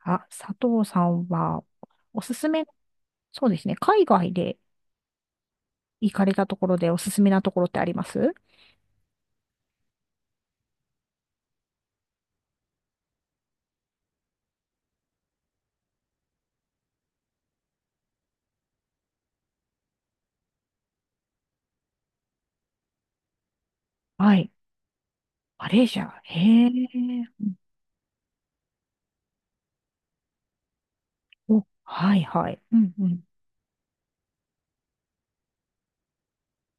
あ、佐藤さんは、おすすめ、そうですね、海外で行かれたところでおすすめなところってあります？はい。マレーシア。へえ。お、はいはい。うんうん。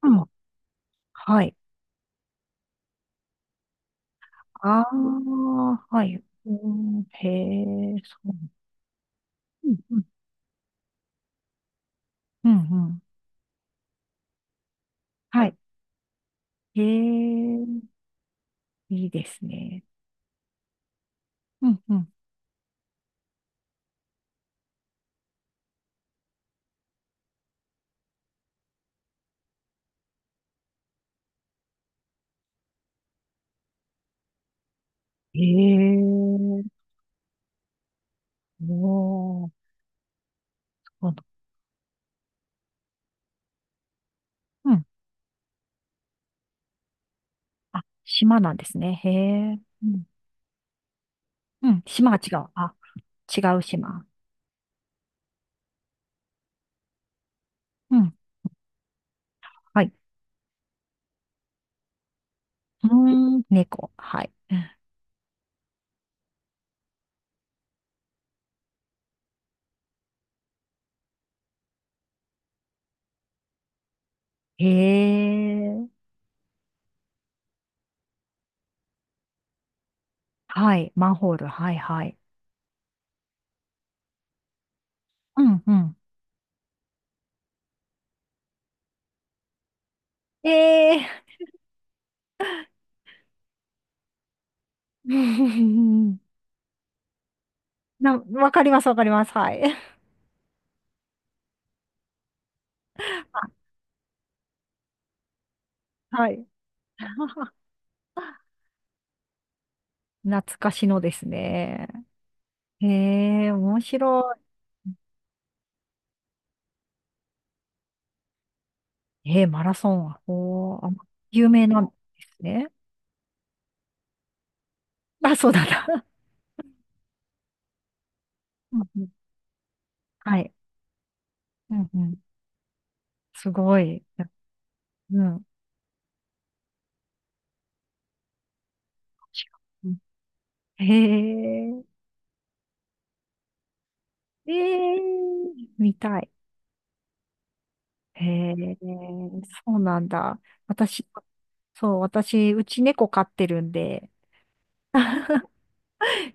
うん。はい。ああ、はい。うん、へえ、そう。うんうん。うんうん。はい。へえ、いいですね。うんうん。へえ、おー、そうだ。うん。あ、島なんですね。へえ。うん。うん。島が違う。あ、違う島。うん。はい。うーん。猫。はい。へえ。はい。マンホール。はい、はい。うん、うん。ええー。な、わかります、わかります。はい。あ、はい。懐かしのですね。へえ、面白い。えー、マラソン。おー、あ、有名なんですね。あ、そうなんだ。うんうん。はい。うんうん。すごい。うん、へえ。ええ、見たい。へえ、そうなんだ。私、そう、私、うち猫飼ってるんで、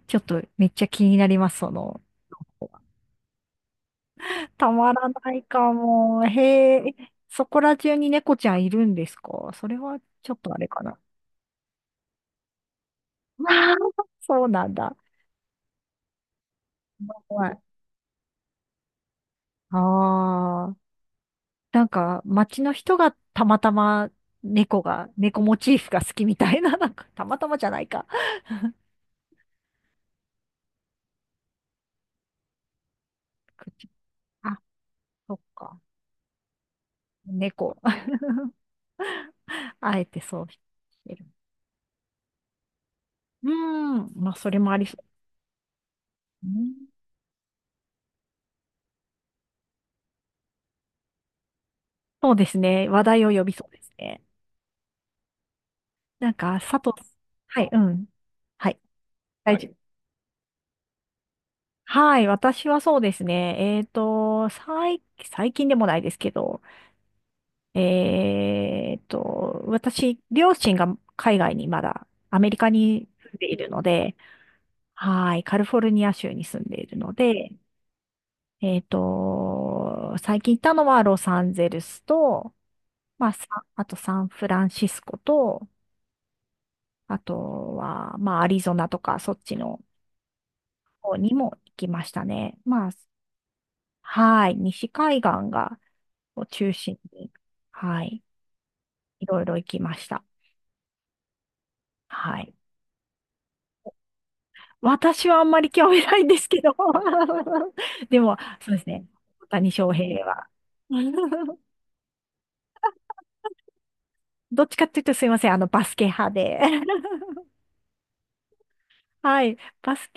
ちょっとめっちゃ気になります、その。たまらないかも。へえ、そこら中に猫ちゃんいるんですか？それはちょっとあれかな。そうなんだ。はい。ああ、なんか街の人がたまたま猫が、猫モチーフが好きみたいな、なんかたまたまじゃないか。口、あ、そっか。猫。あえてそうしてる。うーん。まあ、それもありそう。うん、そうですね。話題を呼びそうですね。なんか、佐藤、はい、うん。はい。大丈夫。はい。私はそうですね。最近でもないですけど、私、両親が海外にまだ、アメリカに住んでいるので、はい。カリフォルニア州に住んでいるので、最近行ったのはロサンゼルスと、まあ、さあとサンフランシスコと、あとは、まあ、アリゾナとか、そっちの方にも行きましたね。まあ、はい、西海岸を中心に、はい、いろいろ行きました。はい。私はあんまり興味ないんですけど。 でも、そうですね。大谷翔平は。どっちかっていうとすいません。あの、バスケ派で。はい。バス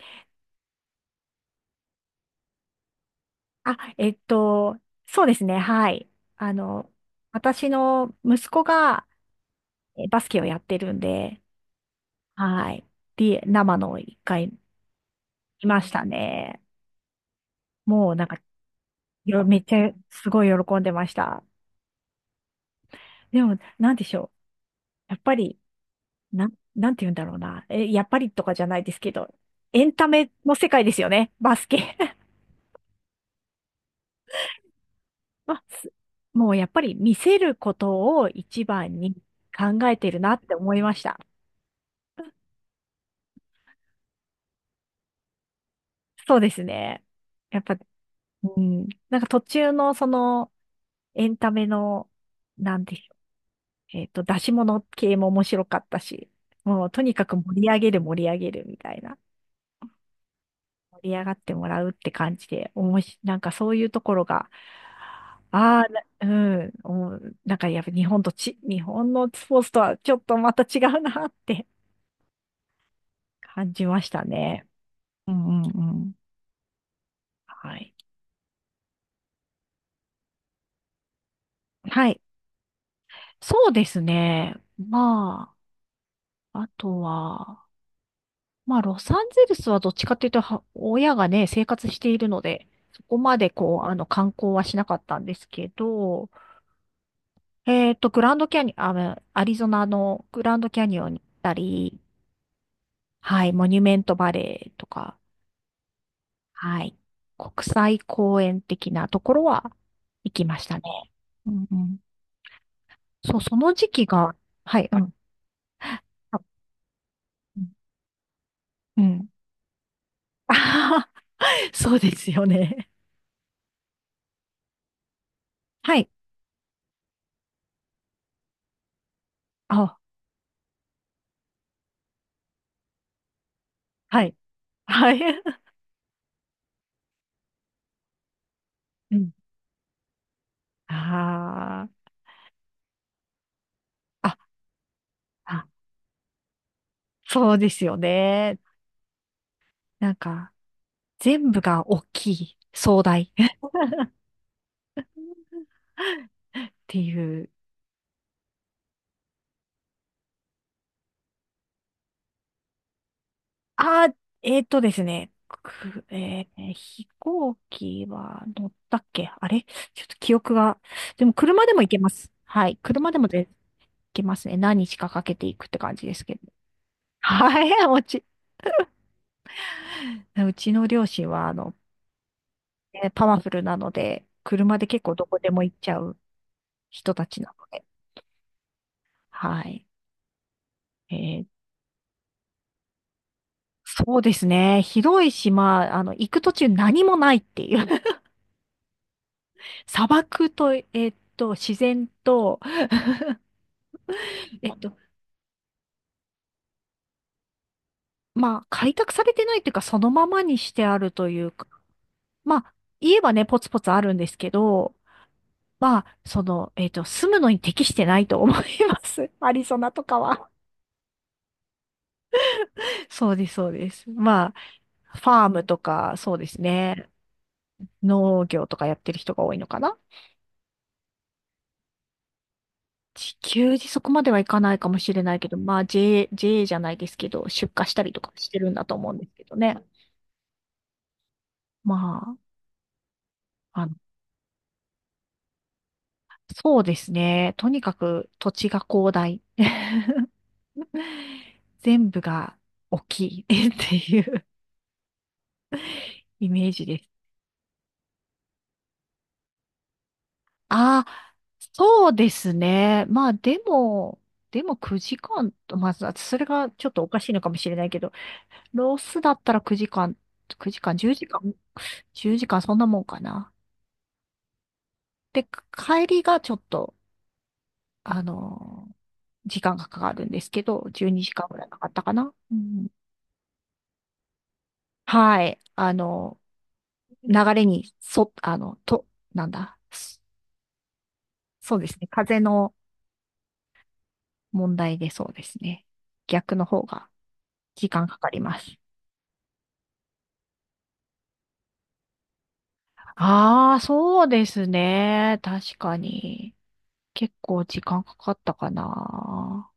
あ、えっと、そうですね、はい。あの、私の息子がバスケをやってるんで、はい。で、生の一回いましたね。もうなんか、めっちゃすごい喜んでました。でも、なんでしょう。やっぱり、なんて言うんだろうな。え、やっぱりとかじゃないですけど、エンタメの世界ですよね、バスケ。まあすもうやっぱり見せることを一番に考えてるなって思いました。そうですね。やっぱ、うん、なんか途中のそのエンタメの、なんでしょう、えっと、出し物系も面白かったし、もうとにかく盛り上げる盛り上げるみたいな、盛り上がってもらうって感じで、おもし、なんかそういうところが、なんかやっぱ日本のスポーツとはちょっとまた違うなって感じましたね。うんうんうん。はい。はい。そうですね。まあ。あとは、まあ、ロサンゼルスはどっちかっていうと、は親がね、生活しているので、そこまでこう、あの、観光はしなかったんですけど、グランドキャニオン、あ、アリゾナのグランドキャニオンに行ったり、はい、モニュメントバレーとか、はい、国際公園的なところは行きましたね。うんうん。そう、その時期が、はい、うん。あ、うん。うん、あはは。 そうですよね。はい。あ、はい。はい。うん。ああ。あ、あ、そうですよね。なんか、全部が大きい、壮大 っていう。あ、えっとですね。えー飛行機は乗ったっけあれ？ちょっと記憶が。でも車でも行けます。はい。車でも行けますね。何日かかけていくって感じですけど。はい。うちの両親は、あの、えーパワフルなので、車で結構どこでも行っちゃう。人たちなので。はい。えー、そうですね。広い島、あの、行く途中何もないっていう。砂漠と、えーっと、自然と、えっと、まあ、開拓されてないというか、そのままにしてあるというか、まあ、言えばね、ポツポツあるんですけど、まあ、その、えーっと、住むのに適してないと思います。アリゾナとかは。そうです、そうです。まあ、ファームとか、そうですね。農業とかやってる人が多いのかな？地球にそこまではいかないかもしれないけど、まあ JA、JA じゃないですけど、出荷したりとかしてるんだと思うんですけどね。まあ、あの、そうですね。とにかく土地が広大。全部が大きい っていうイメージです。ああ、そうですね。まあでも、でも9時間と、まあ、それがちょっとおかしいのかもしれないけど、ロースだったら9時間、9時間、1時間、10時間そんなもんかな。で、帰りがちょっと、あのー時間がかかるんですけど、12時間ぐらいかかったかな。うん、はい。あの、流れに、そ、あの、と、なんだ。そそうですね。風の問題でそうですね。逆の方が時間かかります。ああ、そうですね。確かに。結構時間かかったかな。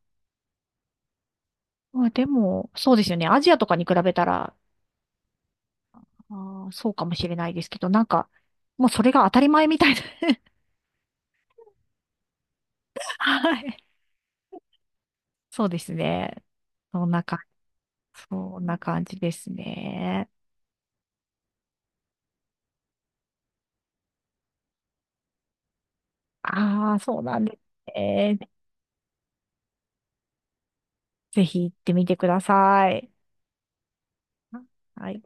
まあでも、そうですよね。アジアとかに比べたら、ああ、そうかもしれないですけど、なんか、もうそれが当たり前みたいな。 はい。そうですね。そんな感そんな感じですね。ああ、そうなんですね。ぜひ行ってみてください。はい。